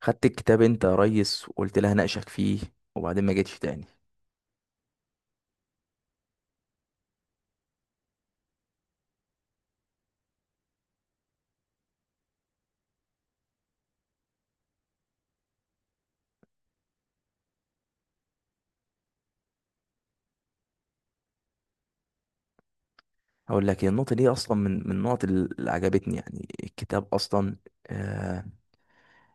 خدت الكتاب انت يا ريس وقلت لها ناقشك فيه، وبعدين ما جيتش تاني. هقول لك، هي النقطة دي أصلا من النقط اللي عجبتني. يعني الكتاب أصلا آه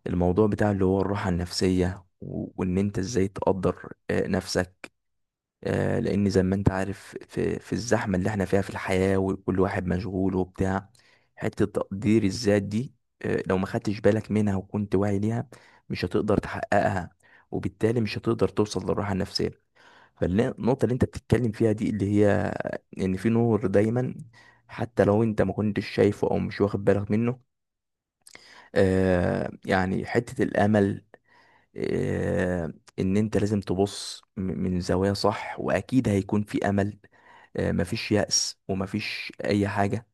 الموضوع بتاع اللي هو الراحة النفسية وإن أنت إزاي تقدر نفسك، لأن زي ما أنت عارف في الزحمة اللي إحنا فيها في الحياة، وكل واحد مشغول وبتاع، حتة تقدير الذات دي لو ما خدتش بالك منها وكنت واعي ليها مش هتقدر تحققها، وبالتالي مش هتقدر توصل للراحة النفسية. فالنقطة اللي انت بتتكلم فيها دي اللي هي ان في نور دايما حتى لو انت ما كنتش شايفه او مش واخد بالك منه، يعني حتة الامل. آه، ان انت لازم تبص من زوايا صح، واكيد هيكون في امل. مفيش يأس ومفيش اي حاجة.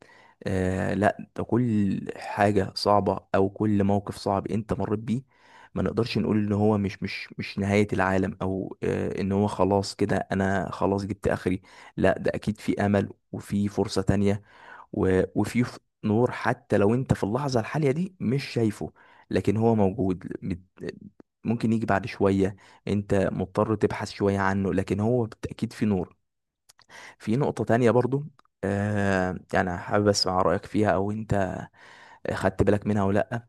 لا، ده كل حاجة صعبة أو كل موقف صعب أنت مريت بيه ما نقدرش نقول إن هو مش نهاية العالم، أو إن هو خلاص كده أنا خلاص جبت آخري. لا، ده أكيد في أمل وفي فرصة تانية. و... وفيه ف- نور حتى لو انت في اللحظة الحالية دي مش شايفه، لكن هو موجود. ممكن يجي بعد شوية، انت مضطر تبحث شوية عنه لكن هو بالتأكيد في نور. في نقطة تانية برضو، يعني حابب اسمع رأيك فيها، او انت خدت بالك منها ولا لأ؟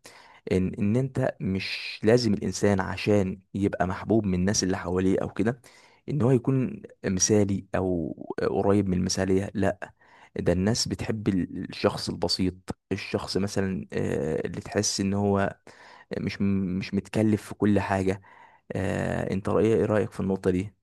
ان انت مش لازم الانسان عشان يبقى محبوب من الناس اللي حواليه او كده ان هو يكون مثالي او قريب من المثالية. لا، ده الناس بتحب الشخص البسيط، الشخص مثلا اللي تحس ان هو مش متكلف في كل حاجة. انت رأيك في النقطة دي؟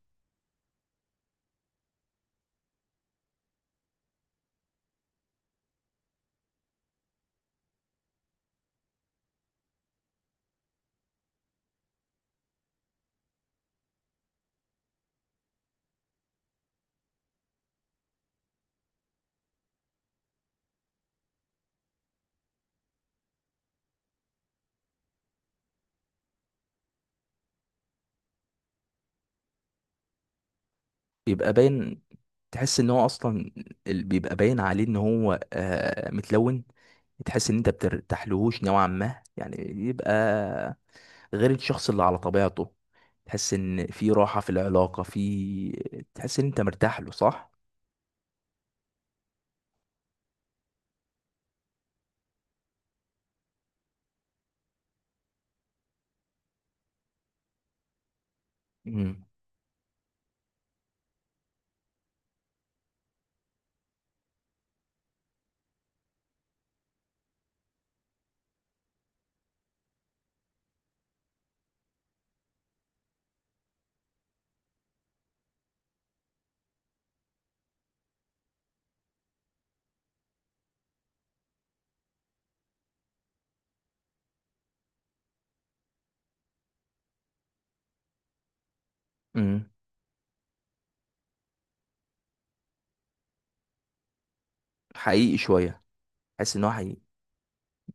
بيبقى باين، تحس ان هو اصلا، بيبقى باين عليه ان هو متلون، تحس ان انت بترتاحلهوش نوعا ما يعني، يبقى غير الشخص اللي على طبيعته، تحس ان في راحة في العلاقة، تحس ان انت مرتاح له. صح؟ امم. امم. حقيقي شوية. تحس ان هو حقيقي.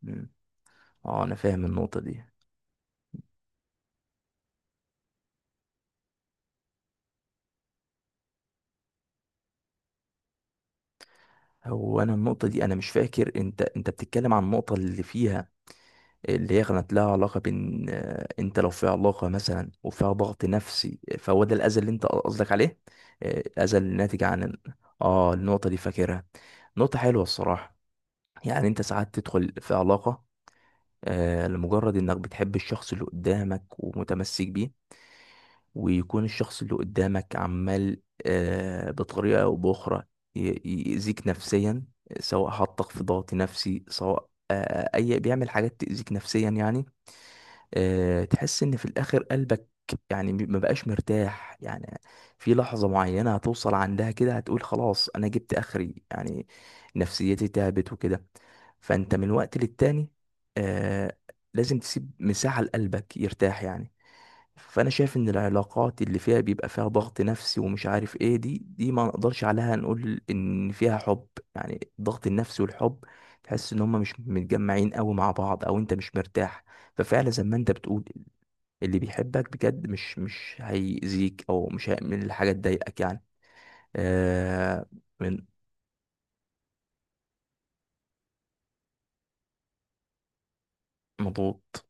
مم. اه، انا فاهم النقطة دي. هو انا النقطة دي انا مش فاكر، انت بتتكلم عن النقطة اللي فيها اللي هي كانت لها علاقة بين، انت لو في علاقة مثلا وفيها ضغط نفسي، فهو ده الاذى اللي انت قصدك عليه؟ الاذى الناتج عن اه. النقطة دي فاكرها، نقطة حلوة الصراحة. يعني انت ساعات تدخل في علاقة لمجرد انك بتحب الشخص اللي قدامك ومتمسك بيه، ويكون الشخص اللي قدامك عمال بطريقة او باخرى يأذيك نفسيا، سواء حطك في ضغط نفسي، سواء اي بيعمل حاجات تأذيك نفسيا يعني، تحس ان في الاخر قلبك يعني ما بقاش مرتاح يعني. في لحظة معينة هتوصل عندها كده هتقول خلاص انا جبت اخري يعني، نفسيتي تعبت وكده. فانت من وقت للتاني آه، لازم تسيب مساحة لقلبك يرتاح يعني. فانا شايف ان العلاقات اللي فيها بيبقى فيها ضغط نفسي ومش عارف ايه دي ما نقدرش عليها نقول ان فيها حب. يعني الضغط النفسي والحب، تحس ان هما مش متجمعين قوي مع بعض، او انت مش مرتاح. ففعلا زي ما انت بتقول، اللي بيحبك بجد مش هيأذيك، او مش هيعمل حاجه تضايقك يعني. آه. من مضغوط.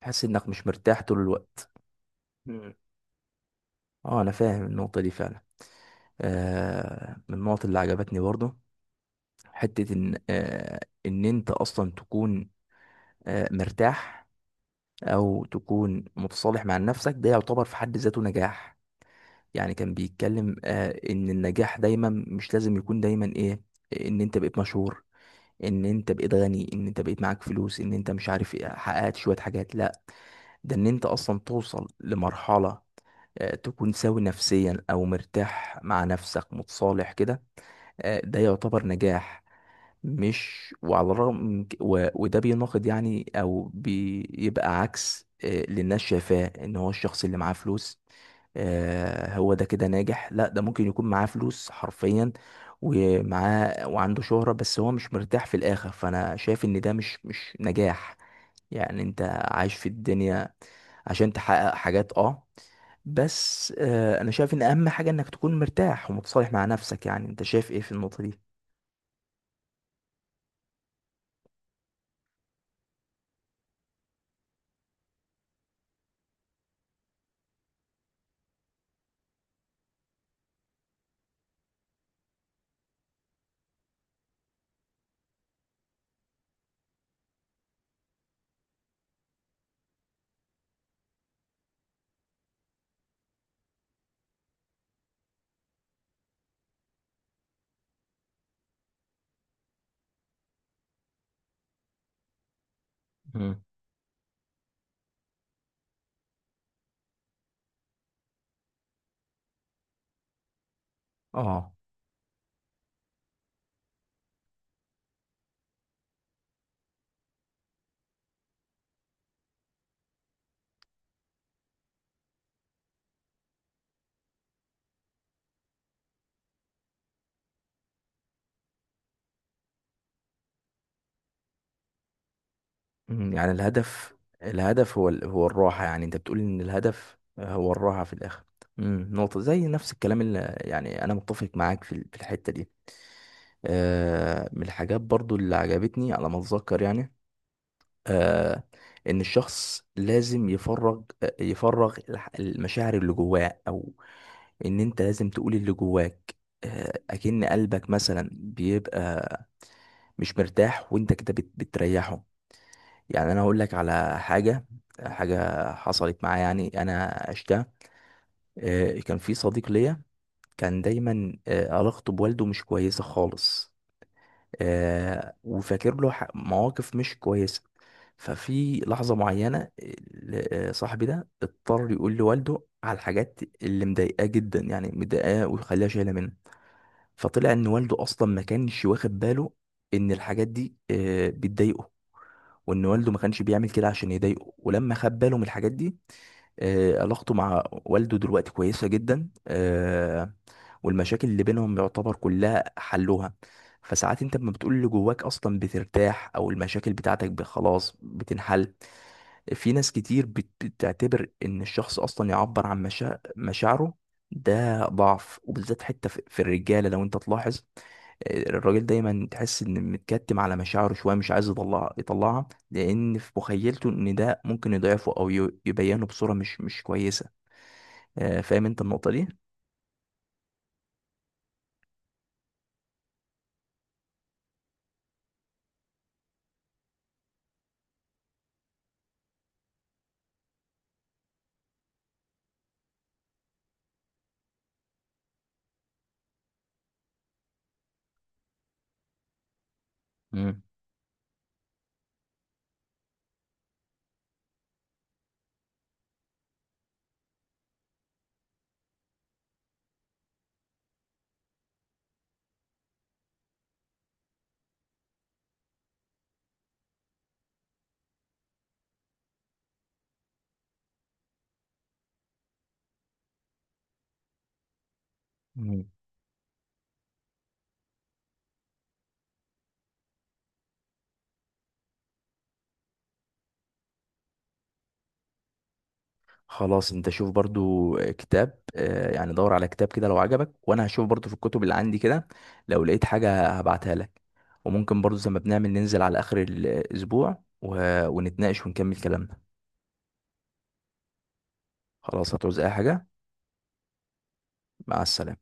تحس انك مش مرتاح طول الوقت. مم. اه، انا فاهم النقطه دي فعلا. آه، من النقط اللي عجبتني برضه حتة إن إن أنت أصلا تكون مرتاح أو تكون متصالح مع نفسك، ده يعتبر في حد ذاته نجاح. يعني كان بيتكلم إن النجاح دايما مش لازم يكون دايما إيه، إن أنت بقيت مشهور، إن أنت بقيت غني، إن أنت بقيت معاك فلوس، إن أنت مش عارف إيه، حققت شوية حاجات. لا، ده إن أنت أصلا توصل لمرحلة تكون سوي نفسيا أو مرتاح مع نفسك متصالح كده، ده يعتبر نجاح. مش وعلى الرغم وده بيناقض يعني او بيبقى عكس اللي الناس شايفاه ان هو الشخص اللي معاه فلوس هو ده كده ناجح. لا، ده ممكن يكون معاه فلوس حرفيا ومعاه وعنده شهرة بس هو مش مرتاح في الاخر، فانا شايف ان ده مش نجاح. يعني انت عايش في الدنيا عشان تحقق حاجات اه، بس انا شايف ان اهم حاجة انك تكون مرتاح ومتصالح مع نفسك. يعني انت شايف ايه في النقطة دي؟ مم. اه. مم، يعني الهدف، الهدف هو هو الراحة. يعني انت بتقول ان الهدف هو الراحة في الاخر. مم، نقطة زي نفس الكلام اللي يعني انا متفق معاك في في الحتة دي. آه، من الحاجات برضو اللي عجبتني على ما اتذكر يعني آه ان الشخص لازم يفرغ، يفرغ المشاعر اللي جواه، او ان انت لازم تقول اللي جواك. اكن قلبك مثلا بيبقى مش مرتاح وانت كده بتريحه. يعني انا هقول لك على حاجه، حاجه حصلت معايا يعني انا عشتها. كان في صديق ليا، كان دايما علاقته بوالده مش كويسه خالص، وفاكر له مواقف مش كويسه. ففي لحظه معينه صاحبي ده اضطر يقول لوالده على الحاجات اللي مضايقاه جدا، يعني مضايقاه ويخليها شايله منه. فطلع ان والده اصلا ما كانش واخد باله ان الحاجات دي بتضايقه، وان والده ما كانش بيعمل كده عشان يضايقه، ولما خد باله من الحاجات دي علاقته مع والده دلوقتي كويسة جدا. والمشاكل اللي بينهم يعتبر كلها حلوها. فساعات انت لما بتقول اللي جواك اصلا بترتاح، او المشاكل بتاعتك خلاص بتنحل. في ناس كتير بتعتبر ان الشخص اصلا يعبر عن مشاعره ده ضعف، وبالذات حتى في الرجالة لو انت تلاحظ، الراجل دايما تحس ان متكتم على مشاعره شويه، مش عايز يطلع يطلعها، لان في مخيلته ان ده ممكن يضعفه او يبينه بصوره مش كويسه. فاهم انت النقطه دي؟ مم. مم. خلاص، انت شوف برضو كتاب، يعني دور على كتاب كده لو عجبك، وانا هشوف برضو في الكتب اللي عندي كده، لو لقيت حاجه هبعتها لك. وممكن برضو زي ما بنعمل ننزل على اخر الاسبوع ونتناقش ونكمل كلامنا. خلاص. هتعوز اي حاجه؟ مع السلامه.